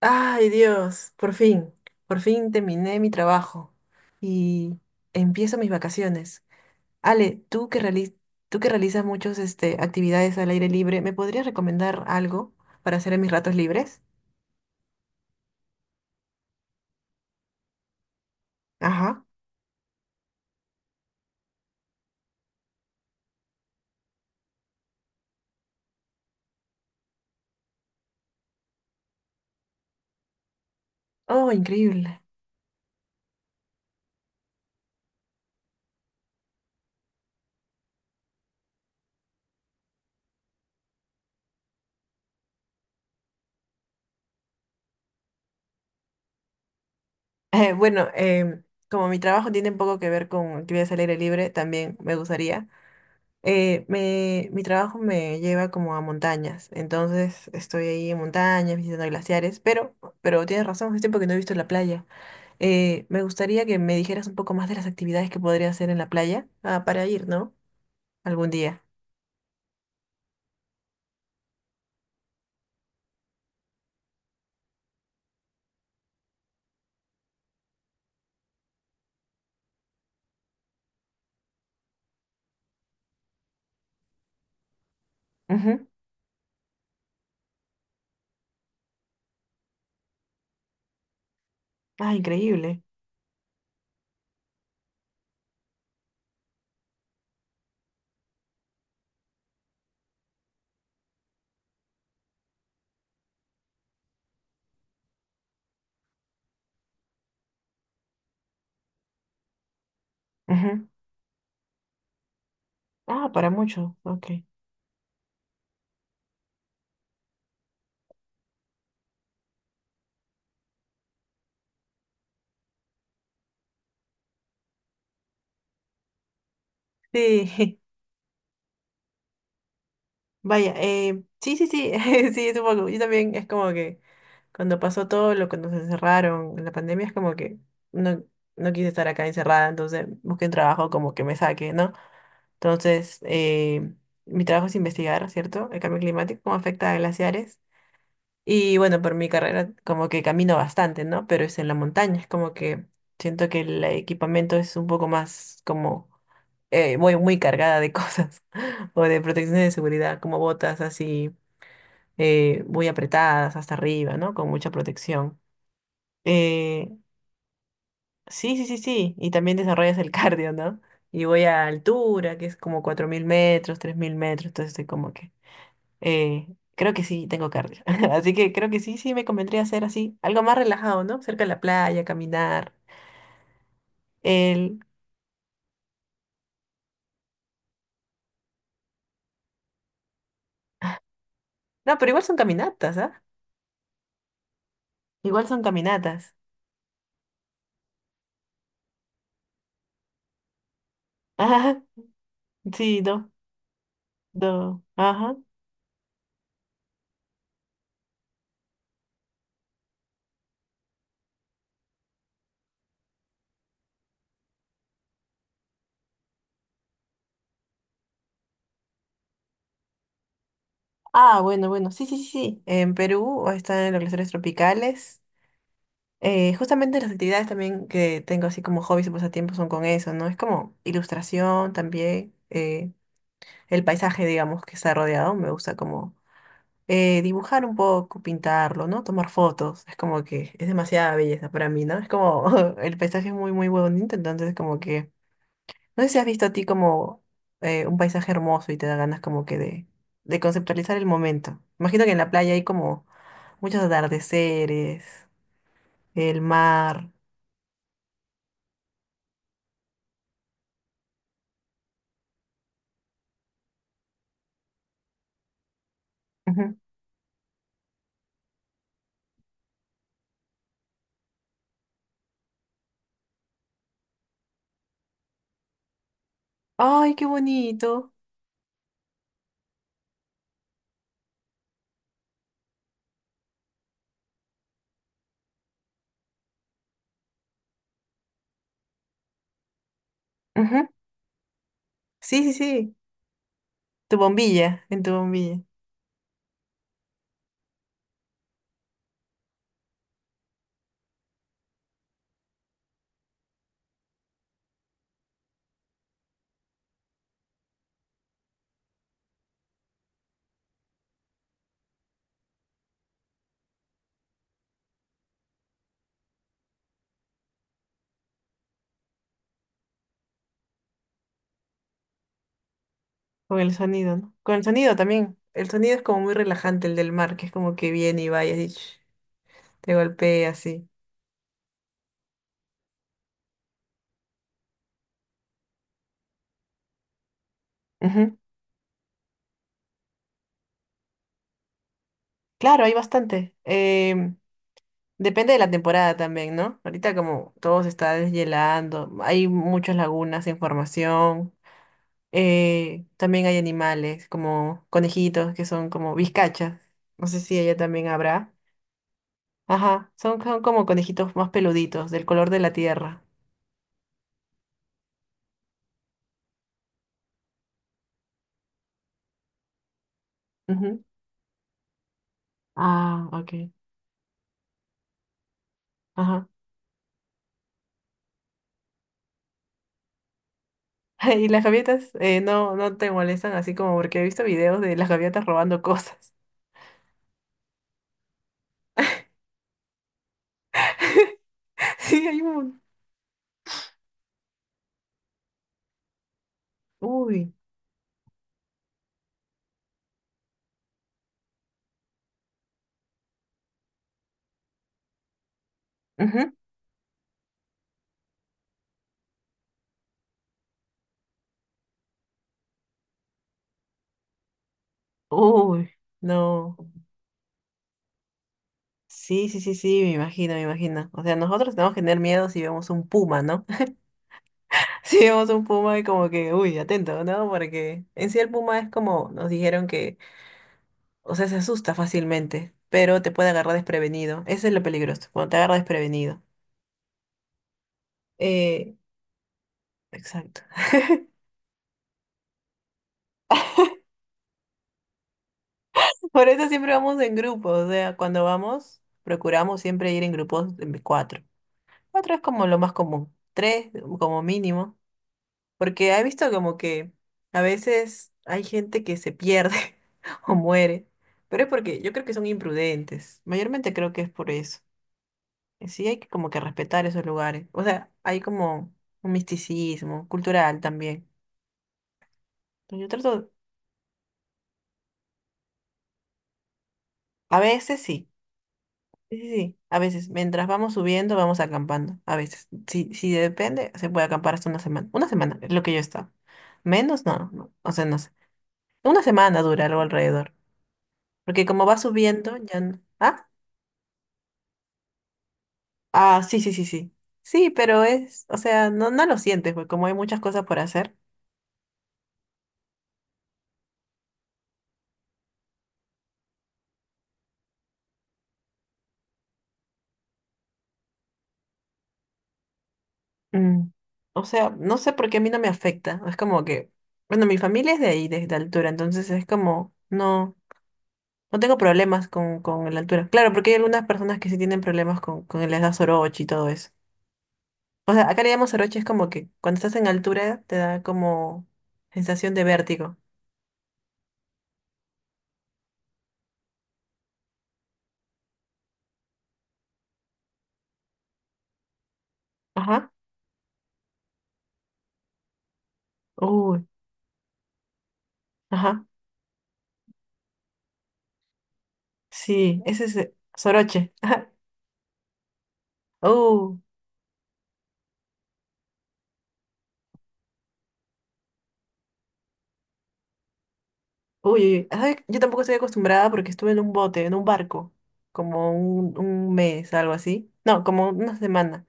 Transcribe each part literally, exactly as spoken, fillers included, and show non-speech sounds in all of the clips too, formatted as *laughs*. Ay, Dios, por fin, por fin terminé mi trabajo y empiezo mis vacaciones. Ale, tú que reali- tú que realizas muchas este, actividades al aire libre, ¿me podrías recomendar algo para hacer en mis ratos libres? Ajá. Oh, increíble. Eh, bueno, em, como mi trabajo tiene un poco que ver con actividades al aire libre, también me gustaría. Eh, me- mi trabajo me lleva como a montañas, entonces estoy ahí en montañas, visitando glaciares, pero, pero tienes razón, hace tiempo que no he visto la playa. Eh, me gustaría que me dijeras un poco más de las actividades que podría hacer en la playa. Ah, para ir, ¿no? Algún día. Ujú. Ah, increíble. Ujú. Ah, para mucho. Ok. Sí, *laughs* vaya. eh, sí, sí, sí. *laughs* Sí, supongo. Yo también es como que cuando pasó todo lo que nos encerraron en la pandemia, es como que no, no quise estar acá encerrada, entonces busqué un trabajo como que me saque, ¿no? Entonces, eh, mi trabajo es investigar, ¿cierto? El cambio climático, cómo afecta a glaciares. Y bueno, por mi carrera como que camino bastante, ¿no? Pero es en la montaña, es como que siento que el equipamiento es un poco más como eh, voy muy cargada de cosas *laughs* o de protecciones de seguridad, como botas así eh, muy apretadas hasta arriba, ¿no? Con mucha protección. Eh, sí, sí, sí, sí. Y también desarrollas el *laughs* cardio, ¿no? Y voy a altura, que es como cuatro mil metros, tres mil metros, entonces estoy como que eh, creo que sí, tengo cardio. *laughs* Así que creo que sí, sí, me convendría hacer así, algo más relajado, ¿no? Cerca de la playa, caminar. El... No, pero igual son caminatas, ¿ah? Igual son caminatas. *laughs* Ajá, sí, no, no, ajá. Ah, bueno, bueno, sí, sí, sí. Sí, en Perú están en los glaciares tropicales. Eh, justamente las actividades también que tengo así como hobbies y pasatiempos son con eso, ¿no? Es como ilustración también, eh, el paisaje, digamos, que está rodeado, me gusta como eh, dibujar un poco, pintarlo, ¿no? Tomar fotos. Es como que es demasiada belleza para mí, ¿no? Es como *laughs* el paisaje es muy, muy bonito, entonces como que... No sé si has visto a ti como eh, un paisaje hermoso y te da ganas como que de, de conceptualizar el momento. Imagino que en la playa hay como muchos atardeceres, el mar. Ujú. ¡Ay, qué bonito! Ujú. Sí, sí, sí. Tu bombilla, en tu bombilla. Con el sonido, ¿no? Con el sonido también. El sonido es como muy relajante, el del mar, que es como que viene y va y así, ch, te golpea así. Ujú. Claro, hay bastante. Em, depende de la temporada también, ¿no? Ahorita como todo se está deshielando, hay muchas lagunas en formación. eh, también hay animales como conejitos que son como vizcachas. No sé si ella también habrá. Ajá, son, son como conejitos más peluditos, del color de la tierra. Ujú. Ah, ok. Ajá. *laughs* Y las gaviotas eh, no, no te molestan así como porque he visto videos de las gaviotas robando cosas. *laughs* Sí, hay un... Uy. Ujú. Uy. No. Sí, sí, sí, sí, me imagino, me imagino. O sea, nosotros tenemos que tener miedo si vemos un puma, ¿no? *laughs* Si vemos un puma y como que, uy, atento, ¿no? Porque en sí el puma es como nos dijeron que, o sea, se asusta fácilmente, pero te puede agarrar desprevenido. Eso es lo peligroso, cuando te agarra desprevenido. Eh, exacto. Por eso siempre vamos en grupo, o sea, cuando vamos, procuramos siempre ir en grupos de cuatro. Cuatro es como lo más común, tres como mínimo, porque he visto como que a veces hay gente que se pierde *laughs* o muere, pero es porque yo creo que son imprudentes, mayormente creo que es por eso. Y sí, hay que como que respetar esos lugares, o sea, hay como un misticismo cultural también. Yo trato, a veces sí. Sí, sí, sí. A veces, mientras vamos subiendo, vamos acampando. A veces, si, si depende, se puede acampar hasta una semana. Una semana es lo que yo he estado. Menos, no, no. O sea, no sé. Una semana dura algo alrededor. Porque como va subiendo, ya no. Ah, ah, sí, sí, sí, sí. Sí, pero es, o sea, no, no lo sientes, porque como hay muchas cosas por hacer. mm, O sea, no sé por qué a mí no me afecta. Es como que, bueno, mi familia es de ahí, de, de altura, entonces es como, no. No tengo problemas con, con la altura. Claro, porque hay algunas personas que sí tienen problemas con, con el les da soroche y todo eso. O sea, acá le llamamos soroche, es como que cuando estás en altura te da como sensación de vértigo. Ajá. Uy, ajá. Sí, ese es eh, soroche. *laughs* Ajá. Uh, uy, uy, uy. Ay, yo tampoco estoy acostumbrada porque estuve en un bote, en un barco, como un, un mes, algo así. No, como una semana.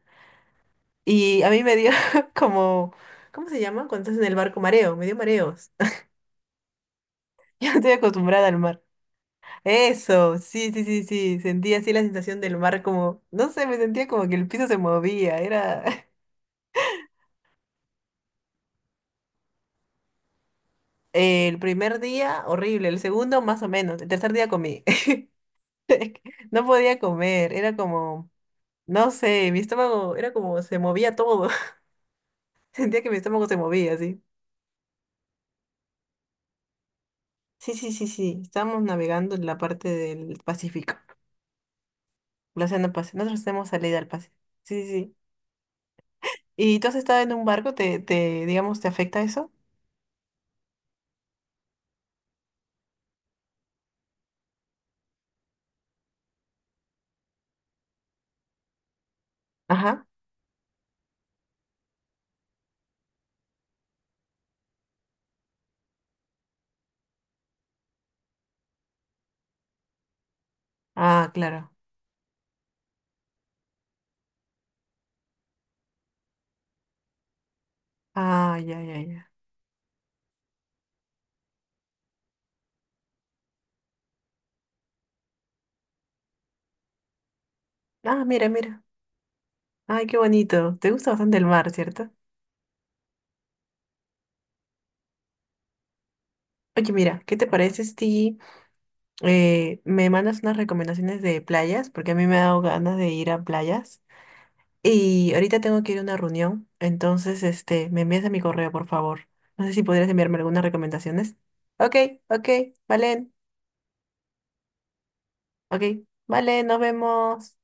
Y a mí me dio *laughs* como, ¿cómo se llama? Cuando estás en el barco, mareo, me dio mareos. *laughs* Yo estoy acostumbrada al mar. Eso, sí, sí, sí, sí. Sentía así la sensación del mar como, no sé, me sentía como que el piso se movía. Era *laughs* el primer día horrible, el segundo más o menos, el tercer día comí. *laughs* No podía comer, era como, no sé, mi estómago era como, se movía todo. *laughs* Sentía que mi estómago se movía, así. Sí, sí, sí, sí. Estábamos navegando en la parte del Pacífico, el Océano Pacífico. Nosotros tenemos salida al Pacífico. Sí, sí. Sí. ¿Y tú has estado en un barco? ¿Te, te, digamos, te afecta eso? Ajá. Ah, claro. Ah, ya, ya, ya. Ah, mira, mira. Ay, qué bonito. Te gusta bastante el mar, ¿cierto? Oye, mira, ¿qué te parece si eh, me mandas unas recomendaciones de playas? Porque a mí me ha dado ganas de ir a playas. Y ahorita tengo que ir a una reunión, entonces, este, me envías a mi correo, por favor. No sé si podrías enviarme algunas recomendaciones. Ok, ok, Valen. Ok, vale, nos vemos.